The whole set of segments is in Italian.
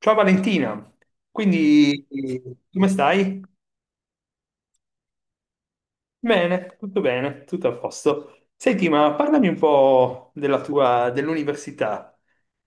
Ciao Valentina, quindi come stai? Bene, tutto a posto. Senti, ma parlami un po' dell'università.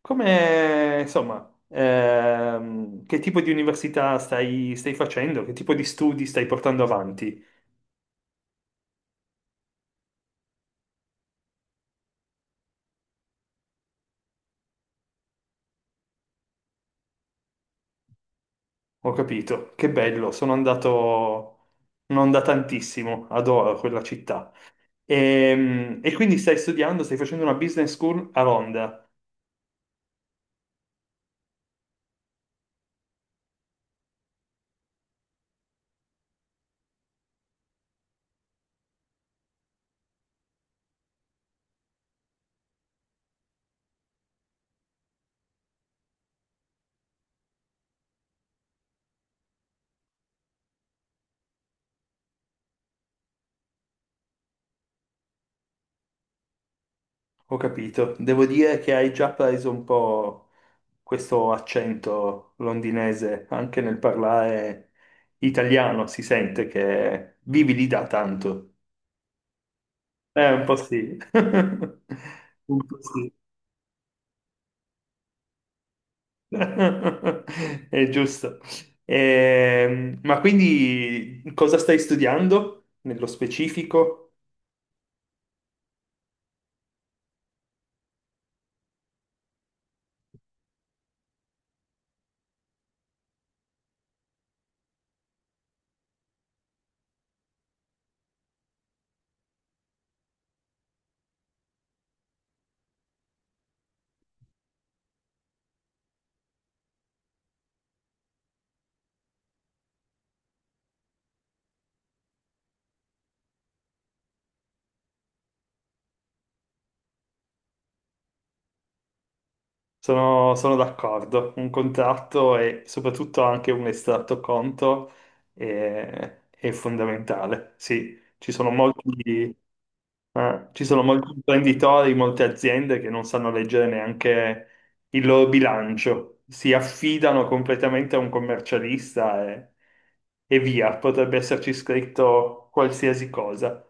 Come, insomma, che tipo di università stai facendo? Che tipo di studi stai portando avanti? Ho capito, che bello, sono andato, non da tantissimo, adoro quella città. E quindi stai studiando, stai facendo una business school a Londra. Ho capito. Devo dire che hai già preso un po' questo accento londinese anche nel parlare italiano, si sente che vivi lì da tanto. Un po' sì. Un po' sì. È giusto. Ma quindi cosa stai studiando nello specifico? Sono d'accordo, un contratto e soprattutto anche un estratto conto è fondamentale. Sì, ci sono molti imprenditori, molte aziende che non sanno leggere neanche il loro bilancio, si affidano completamente a un commercialista e via, potrebbe esserci scritto qualsiasi cosa.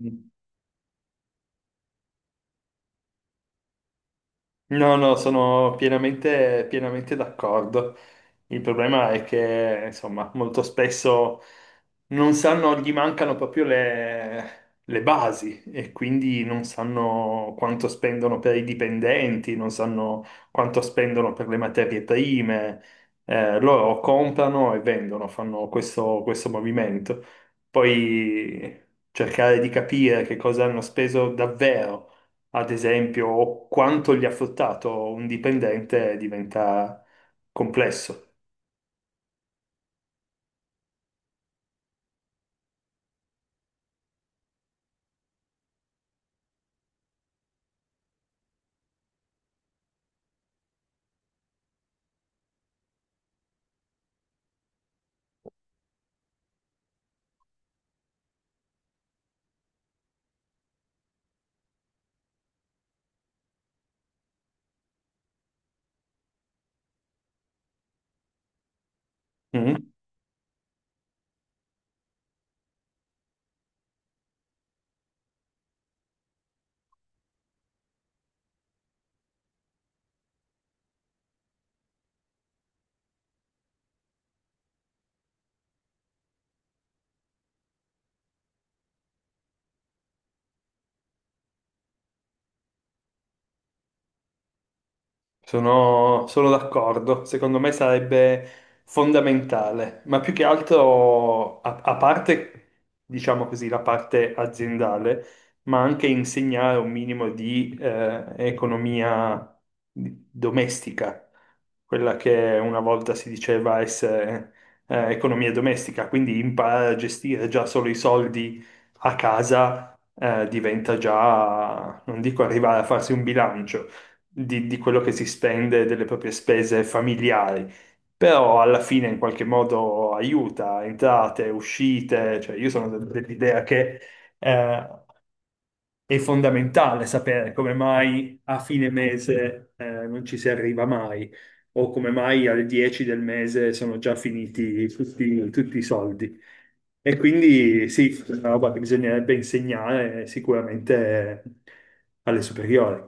No, no, sono pienamente, pienamente d'accordo. Il problema è che, insomma, molto spesso non sanno, gli mancano proprio le basi e quindi non sanno quanto spendono per i dipendenti, non sanno quanto spendono per le materie prime. Loro comprano e vendono, fanno questo movimento. Poi cercare di capire che cosa hanno speso davvero ad esempio, quanto gli ha fruttato un dipendente diventa complesso. Mm? Sono d'accordo, secondo me sarebbe fondamentale, ma più che altro, a parte, diciamo così, la parte aziendale, ma anche insegnare un minimo di economia domestica, quella che una volta si diceva essere economia domestica, quindi imparare a gestire già solo i soldi a casa diventa già, non dico arrivare a farsi un bilancio di quello che si spende, delle proprie spese familiari, però alla fine in qualche modo aiuta entrate, uscite, cioè io sono dell'idea che eh, è fondamentale sapere come mai a fine mese non ci si arriva mai, o come mai alle 10 del mese sono già finiti tutti i soldi. E quindi sì, è una roba che bisognerebbe insegnare sicuramente alle superiori.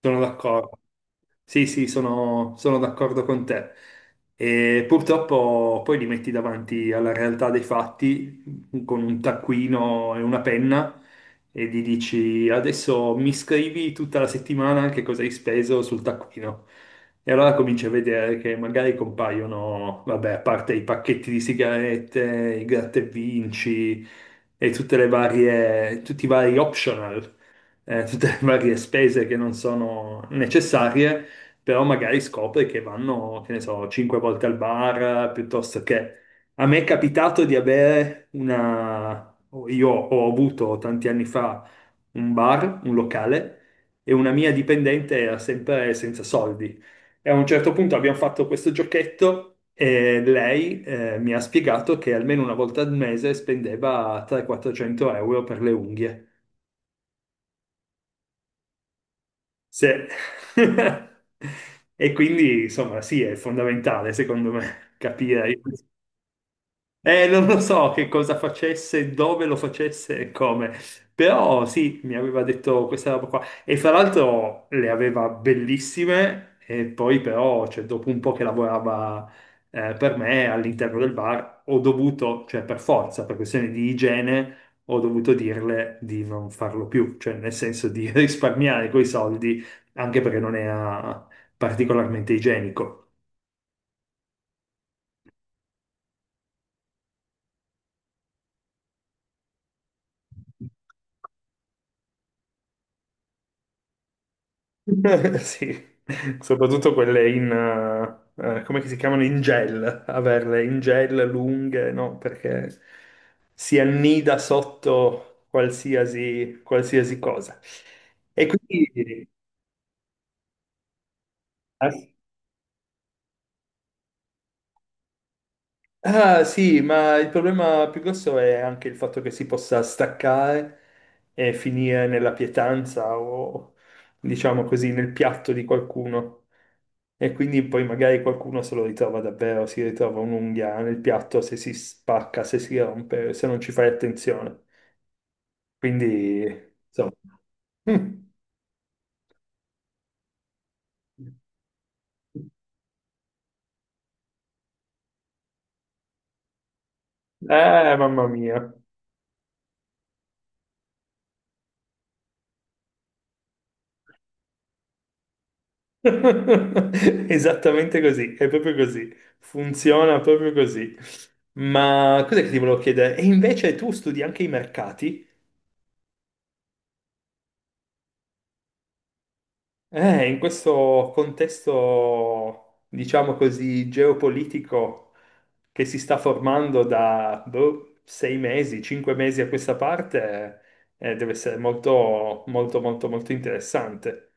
Sono d'accordo. Sì, sì, sono d'accordo con te. E purtroppo poi li metti davanti alla realtà dei fatti con un taccuino e una penna e gli dici adesso mi scrivi tutta la settimana che cosa hai speso sul taccuino. E allora cominci a vedere che magari compaiono, vabbè, a parte i pacchetti di sigarette, i gratta e vinci e tutti i vari optional, tutte le varie spese che non sono necessarie, però magari scopre che vanno, che ne so, cinque volte al bar, piuttosto che... A me è capitato di avere una... Io ho avuto tanti anni fa un bar, un locale, e una mia dipendente era sempre senza soldi. E a un certo punto abbiamo fatto questo giochetto e lei mi ha spiegato che almeno una volta al mese spendeva 300-400 euro per le unghie. Sì. E quindi, insomma, sì, è fondamentale, secondo me, capire. Non lo so che cosa facesse, dove lo facesse e come, però sì, mi aveva detto questa roba qua, e fra l'altro le aveva bellissime, e poi però, cioè, dopo un po' che lavorava per me all'interno del bar, ho dovuto, cioè per forza, per questioni di igiene, ho dovuto dirle di non farlo più, cioè nel senso di risparmiare quei soldi, anche perché non era particolarmente igienico. Sì, soprattutto quelle come che si chiamano, in gel, averle in gel lunghe, no? Perché si annida sotto qualsiasi, qualsiasi cosa. E quindi, eh, ah sì, ma il problema più grosso è anche il fatto che si possa staccare e finire nella pietanza o, diciamo così, nel piatto di qualcuno, e quindi poi magari qualcuno se lo ritrova davvero, si ritrova un'unghia nel piatto se si spacca, se si rompe, se non ci fai attenzione. Quindi, insomma. Mm. Mamma mia. Esattamente così, è proprio così, funziona proprio così. Ma cos'è che ti volevo chiedere? E invece tu studi anche i mercati? In questo contesto, diciamo così, geopolitico che si sta formando da boh, 6 mesi, 5 mesi a questa parte, deve essere molto, molto, molto, molto interessante.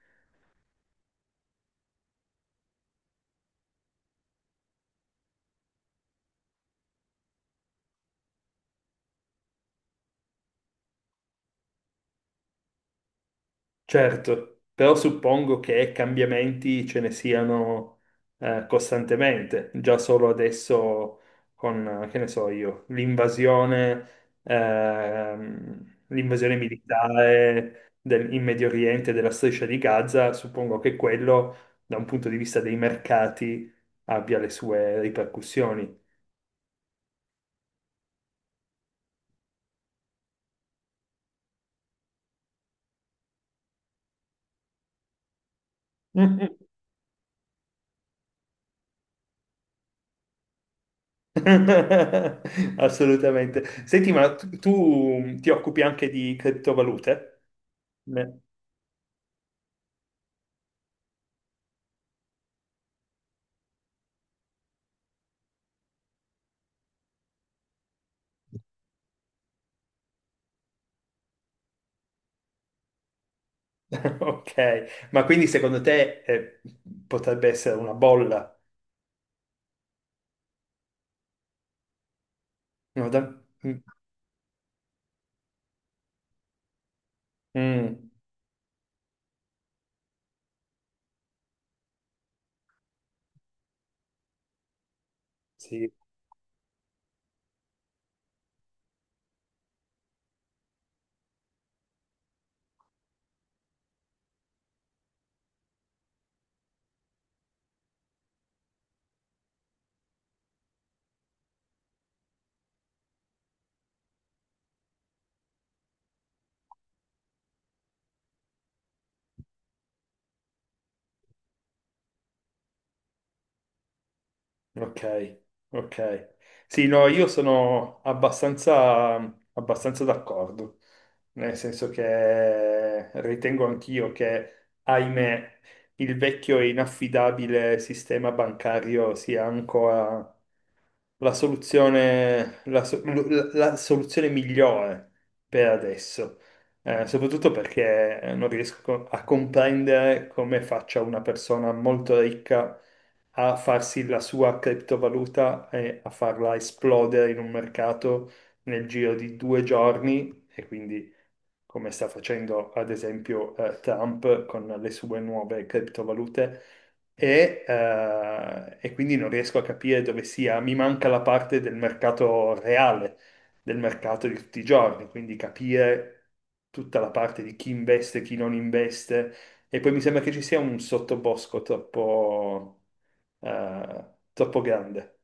Certo, però suppongo che cambiamenti ce ne siano, costantemente, già solo adesso con, che ne so io, l'invasione militare in Medio Oriente della striscia di Gaza. Suppongo che quello, da un punto di vista dei mercati, abbia le sue ripercussioni. Mm-mm. Assolutamente. Senti, ma tu ti occupi anche di criptovalute? Ok, ma quindi secondo te, potrebbe essere una bolla? No, mm, mm, sì, ok, ok. Sì, no, io sono abbastanza d'accordo, nel senso che ritengo anch'io che, ahimè, il vecchio e inaffidabile sistema bancario sia la soluzione, la, so- la- la soluzione migliore per adesso. Soprattutto perché non riesco a comprendere come faccia una persona molto ricca a farsi la sua criptovaluta e a farla esplodere in un mercato nel giro di 2 giorni, e quindi come sta facendo ad esempio Trump con le sue nuove criptovalute. E e quindi non riesco a capire dove sia, mi manca la parte del mercato reale, del mercato di tutti i giorni, quindi capire tutta la parte di chi investe, chi non investe, e poi mi sembra che ci sia un sottobosco eh, troppo grande.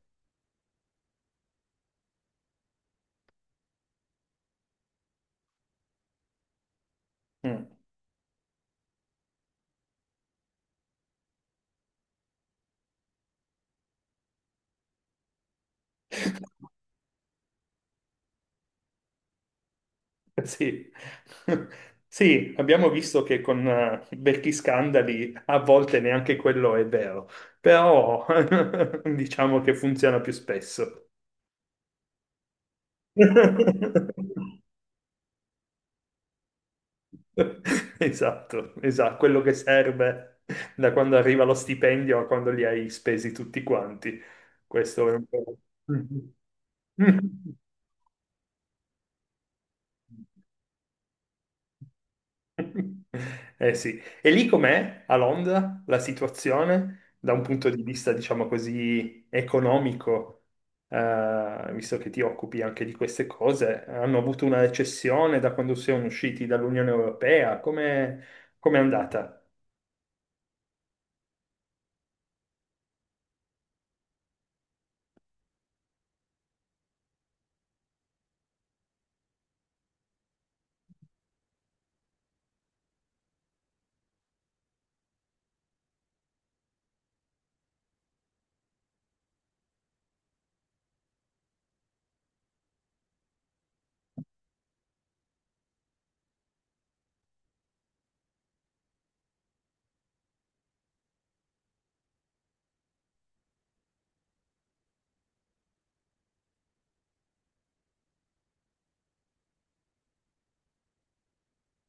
Mm. Sì. Sì, abbiamo visto che con vecchi scandali a volte neanche quello è vero, però diciamo che funziona più spesso. Esatto, esatto, quello che serve da quando arriva lo stipendio a quando li hai spesi tutti quanti. Questo è un po'. Eh sì, e lì com'è a Londra la situazione da un punto di vista, diciamo così, economico? Visto che ti occupi anche di queste cose, hanno avuto una recessione da quando siamo usciti dall'Unione Europea? Come è andata?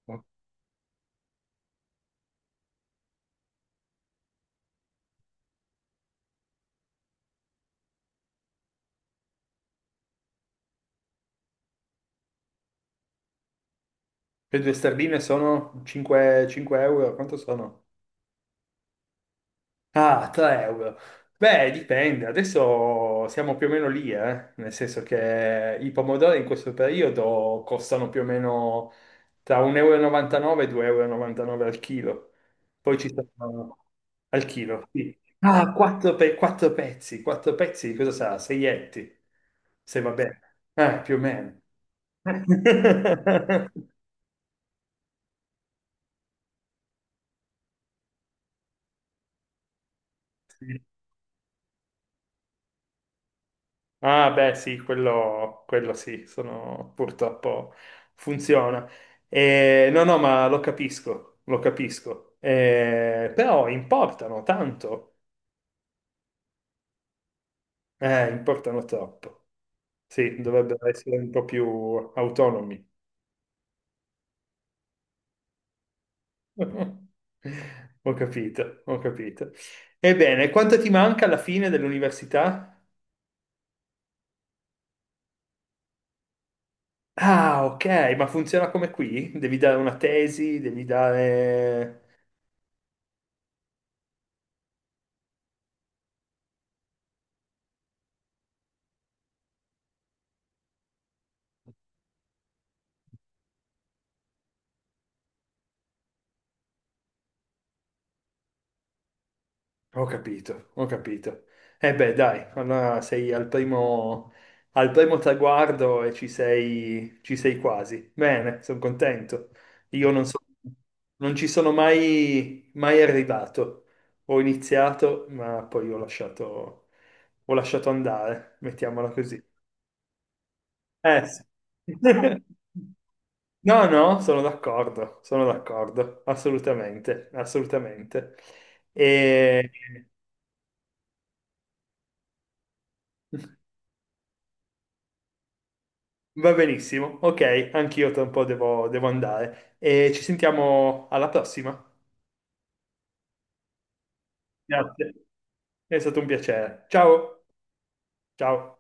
Le due sterline sono 5, 5 euro, quanto sono? Ah, 3 euro. Beh, dipende, adesso siamo più o meno lì, eh? Nel senso che i pomodori in questo periodo costano più o meno tra 1,99 e 2,99 euro e novantanove al chilo. Poi ci sono al chilo, sì. Ah, 4 pezzi, di cosa sarà? 6 etti, se va bene. Più o meno. Sì. Ah, beh, sì, quello sì, sono, purtroppo funziona. No, no, ma lo capisco, lo capisco. Però importano tanto, importano troppo. Sì, dovrebbero essere un po' più autonomi. Ho capito, ho capito. Ebbene, quanto ti manca alla fine dell'università? Ah, ok, ma funziona come qui? Devi dare una tesi, devi dare... Ho capito, ho capito. E beh, dai, allora sei al primo traguardo e ci sei quasi. Bene, sono contento. Io non so, non ci sono mai, mai arrivato. Ho iniziato, ma poi ho lasciato andare, mettiamola così. Eh sì. No, no, sono d'accordo, assolutamente, assolutamente. E... Va benissimo, ok, anch'io tra un po' devo andare. E ci sentiamo alla prossima. Grazie, è stato un piacere. Ciao, ciao.